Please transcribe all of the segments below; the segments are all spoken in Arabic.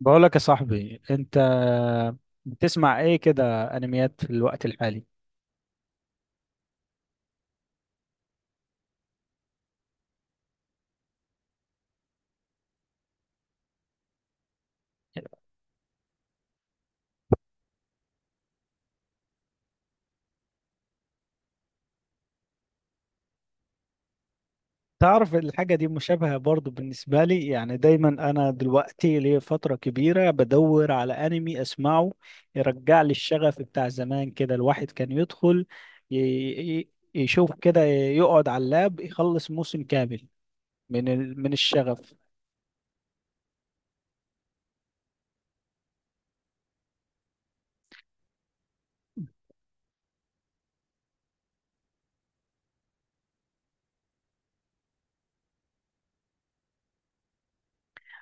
بقولك يا صاحبي انت بتسمع ايه كده انميات في الوقت الحالي؟ تعرف الحاجة دي مشابهة برضو بالنسبة لي، يعني دايما انا دلوقتي ليا فترة كبيرة بدور على انمي اسمعه يرجع لي الشغف بتاع زمان، كده الواحد كان يدخل ي- يشوف كده يقعد على اللاب يخلص موسم كامل من من الشغف.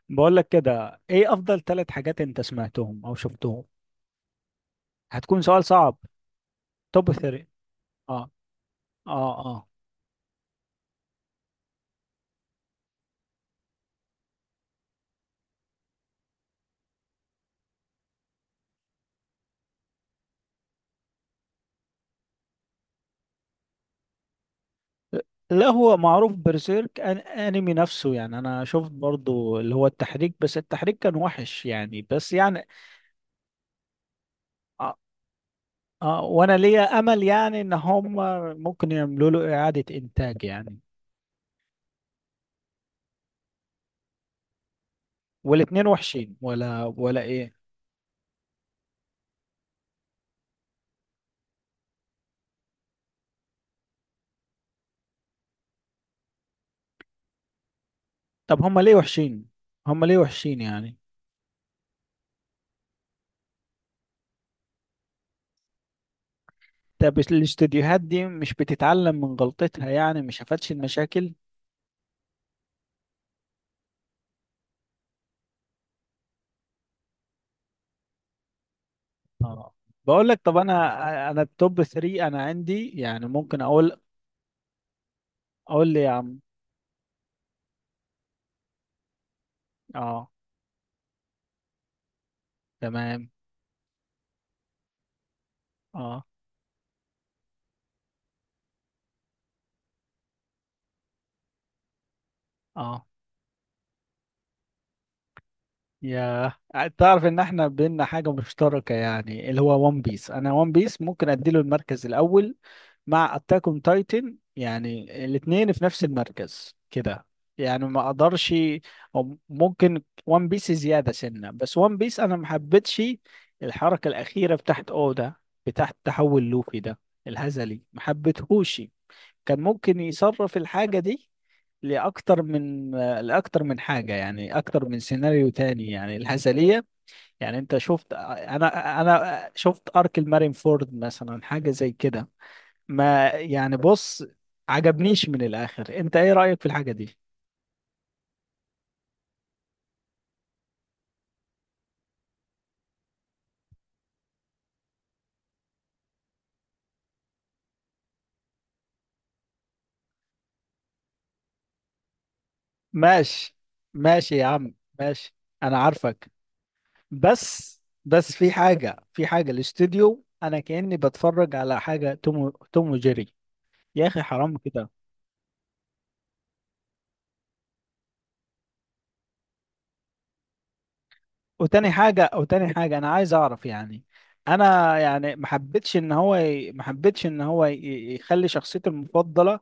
بقولك كده ايه افضل ثلاث حاجات انت سمعتهم او شفتهم؟ هتكون سؤال صعب. توب ثلاثة. اه. اه. آه. لا هو معروف برسيرك أن انمي نفسه، يعني انا شفت برضو اللي هو التحريك بس التحريك كان وحش يعني، بس يعني آه. آه، وانا ليا امل يعني ان هم ممكن يعملوا له اعادة انتاج يعني. والاتنين وحشين ولا ايه؟ طب هم ليه وحشين؟ هم ليه وحشين يعني؟ طب الاستديوهات دي مش بتتعلم من غلطتها، يعني مش شافتش المشاكل؟ اه. بقول لك، طب انا التوب ثلاثة انا عندي، يعني ممكن اقول. اقول لي يا عم. اه. تمام. اه. اه. يا تعرف ان احنا بينا حاجة مشتركة، يعني اللي هو ون بيس، انا ون بيس ممكن اديله المركز الاول مع اتاك اون تايتن، يعني الاتنين في نفس المركز كده. يعني ما اقدرش. او ممكن ون بيس زيادة سنة، بس ون بيس انا ما حبيتش الحركة الاخيرة بتاعت اودا، بتاعت تحول لوفي ده الهزلي، ما حبيتهوش. كان ممكن يصرف الحاجة دي لأكتر من لأكتر من حاجة، يعني أكتر من سيناريو تاني، يعني الهزلية. يعني أنت شفت، أنا شفت أرك المارين فورد مثلا، حاجة زي كده. ما يعني بص عجبنيش من الآخر. أنت إيه رأيك في الحاجة دي؟ ماشي. ماشي يا عم ماشي. أنا عارفك. بس في حاجة، الاستوديو أنا كأني بتفرج على حاجة توم توم وجيري. يا أخي حرام كده. وتاني حاجة أنا عايز أعرف يعني. أنا يعني ما حبيتش إن هو ما حبيتش إن هو يخلي شخصيتي المفضلة،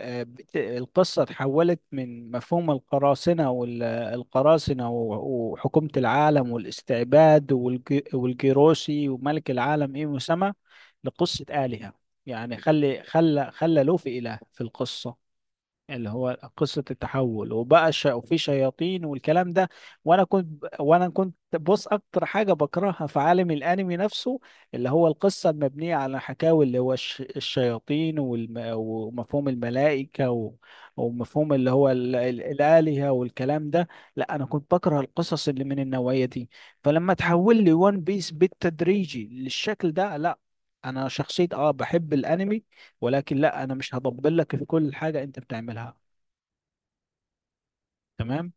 القصة اتحولت من مفهوم القراصنة والقراصنة وحكومة العالم والاستعباد والجيروسي وملك العالم، إيه مسمى، لقصة آلهة. يعني خلي خلى خلى لوفي إله في القصة، اللي هو قصة التحول وبقى وفي شياطين والكلام ده. وانا كنت بص اكتر حاجة بكرهها في عالم الانمي نفسه، اللي هو القصة المبنية على حكاوي، اللي هو الشياطين ومفهوم الملائكة ومفهوم اللي هو الآلهة والكلام ده. لا انا كنت بكره القصص اللي من النوعية دي، فلما تحول لي وان بيس بالتدريجي للشكل ده، لا. انا شخصية اه بحب الانمي، ولكن لا انا مش هطبل لك في كل حاجه انت بتعملها، تمام؟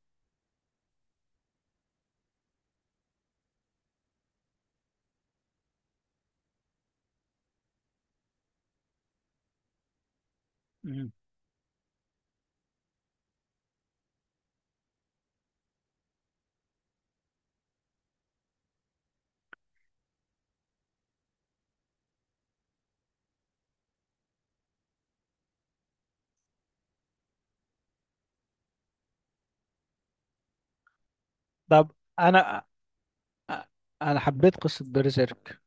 مم. طب انا انا حبيت قصه بيرزيرك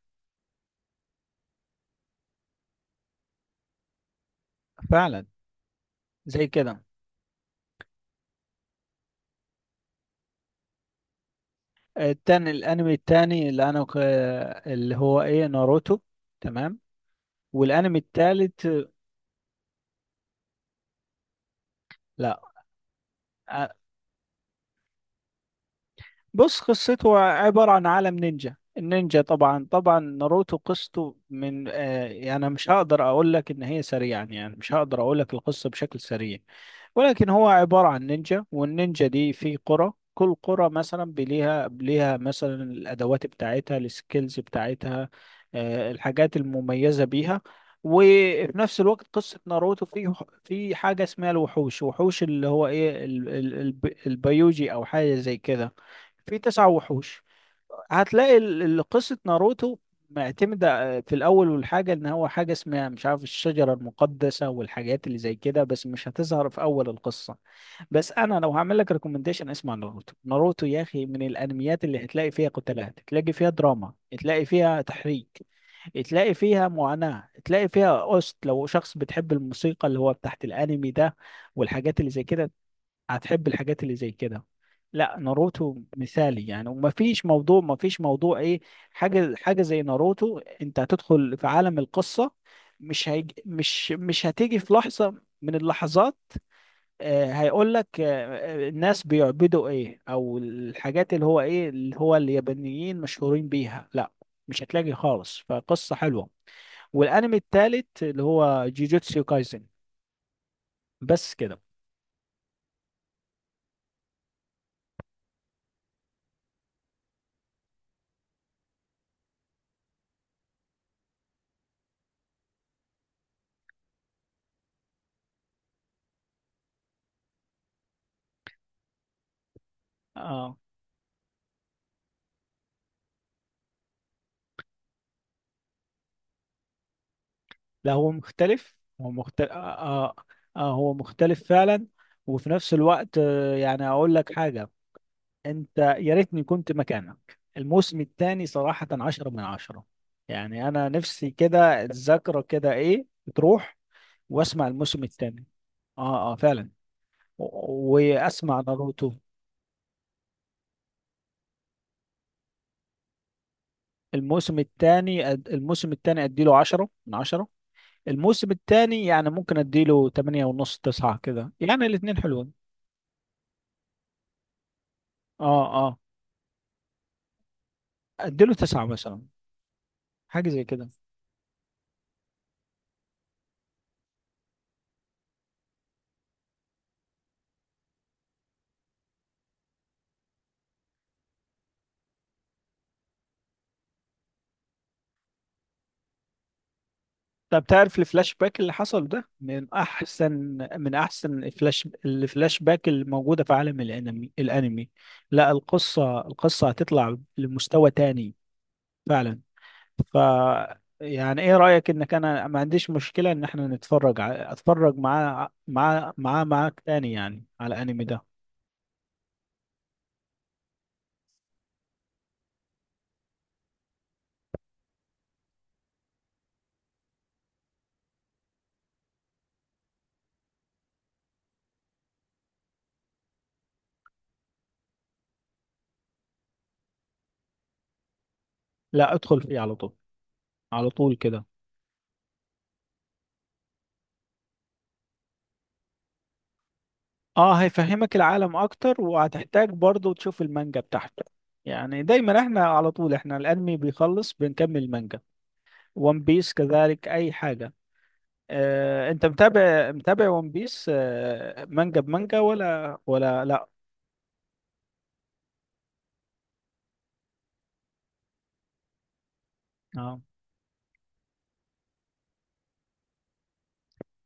فعلا. زي كده. التاني، الانمي التاني اللي اللي هو ايه، ناروتو. تمام. والانمي التالت. لا بص، قصته عبارة عن عالم نينجا. النينجا طبعا، طبعا ناروتو قصته من آه، يعني أنا مش هقدر اقول لك ان هي سريعا، يعني مش هقدر اقول لك القصة بشكل سريع. ولكن هو عبارة عن نينجا، والنينجا دي في قرى، كل قرى مثلا بليها ليها مثلا الادوات بتاعتها، السكيلز بتاعتها، الحاجات المميزة بيها. وفي نفس الوقت قصة ناروتو في حاجة اسمها الوحوش، وحوش اللي هو ايه البيوجي او حاجة زي كده. في تسع وحوش. هتلاقي قصة ناروتو معتمدة في الأول، والحاجة إن هو حاجة اسمها مش عارف الشجرة المقدسة والحاجات اللي زي كده، بس مش هتظهر في أول القصة. بس أنا لو هعمل لك ريكومنديشن، اسمع ناروتو. ناروتو يا أخي من الأنميات اللي هتلاقي فيها قتالات، تلاقي فيها دراما، تلاقي فيها تحريك، تلاقي فيها معاناة، تلاقي فيها أوست. لو شخص بتحب الموسيقى اللي هو بتاعت الأنمي ده والحاجات اللي زي كده، هتحب الحاجات اللي زي كده. لا ناروتو مثالي يعني، ومفيش موضوع، مفيش موضوع ايه، حاجه حاجه زي ناروتو انت هتدخل في عالم القصه. مش هيج... مش مش هتيجي في لحظه من اللحظات هيقول لك الناس بيعبدوا ايه، او الحاجات اللي هو ايه، اللي هو اليابانيين مشهورين بيها، لا مش هتلاقي خالص، فقصه حلوه. والانمي التالت اللي هو جيجوتسو كايزن، بس كده. اه. لا هو مختلف. هو مختلف، آه هو مختلف فعلا. وفي نفس الوقت آه، يعني أقول لك حاجة، أنت يا ريتني كنت مكانك. الموسم الثاني صراحة عشرة من عشرة، يعني أنا نفسي كده الذاكرة كده إيه تروح وأسمع الموسم الثاني. آه آه فعلا. وأسمع ناروتو. الموسم الثاني أديله عشرة من عشرة. الموسم الثاني يعني ممكن أديله تمانية ونص، تسعة كده، يعني الاتنين حلوين. آه آه. اديله تسعة مثلا. حاجة زي كده. طب تعرف الفلاش باك اللي حصل ده من احسن من احسن الفلاش، الفلاش باك الموجودة في عالم الانمي. لا، القصة، القصة هتطلع لمستوى تاني. فعلا. ف يعني ايه رأيك انك، انا ما عنديش مشكلة ان احنا نتفرج اتفرج معاه مع مع معاك تاني يعني على الانمي ده. لا ادخل فيه على طول، على طول كده. اه هيفهمك العالم اكتر، وهتحتاج برضو تشوف المانجا بتاعته. يعني دايما احنا على طول احنا الانمي بيخلص بنكمل المانجا. ون بيس كذلك، اي حاجة. آه انت متابع، ون بيس آه مانجا بمانجا، ولا لا؟ اه.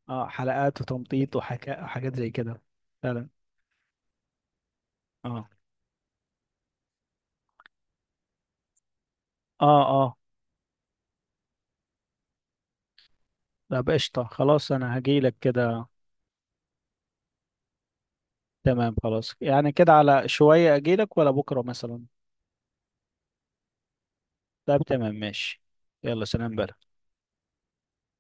اه حلقات وتمطيط وحكا وحاجات زي كده. فعلا. اه. اه. اه. طب قشطة، خلاص انا هجيلك كده. تمام خلاص، يعني كده على شوية اجيلك، ولا بكرة مثلا؟ طب تمام، ماشي. يلا سلام بقى.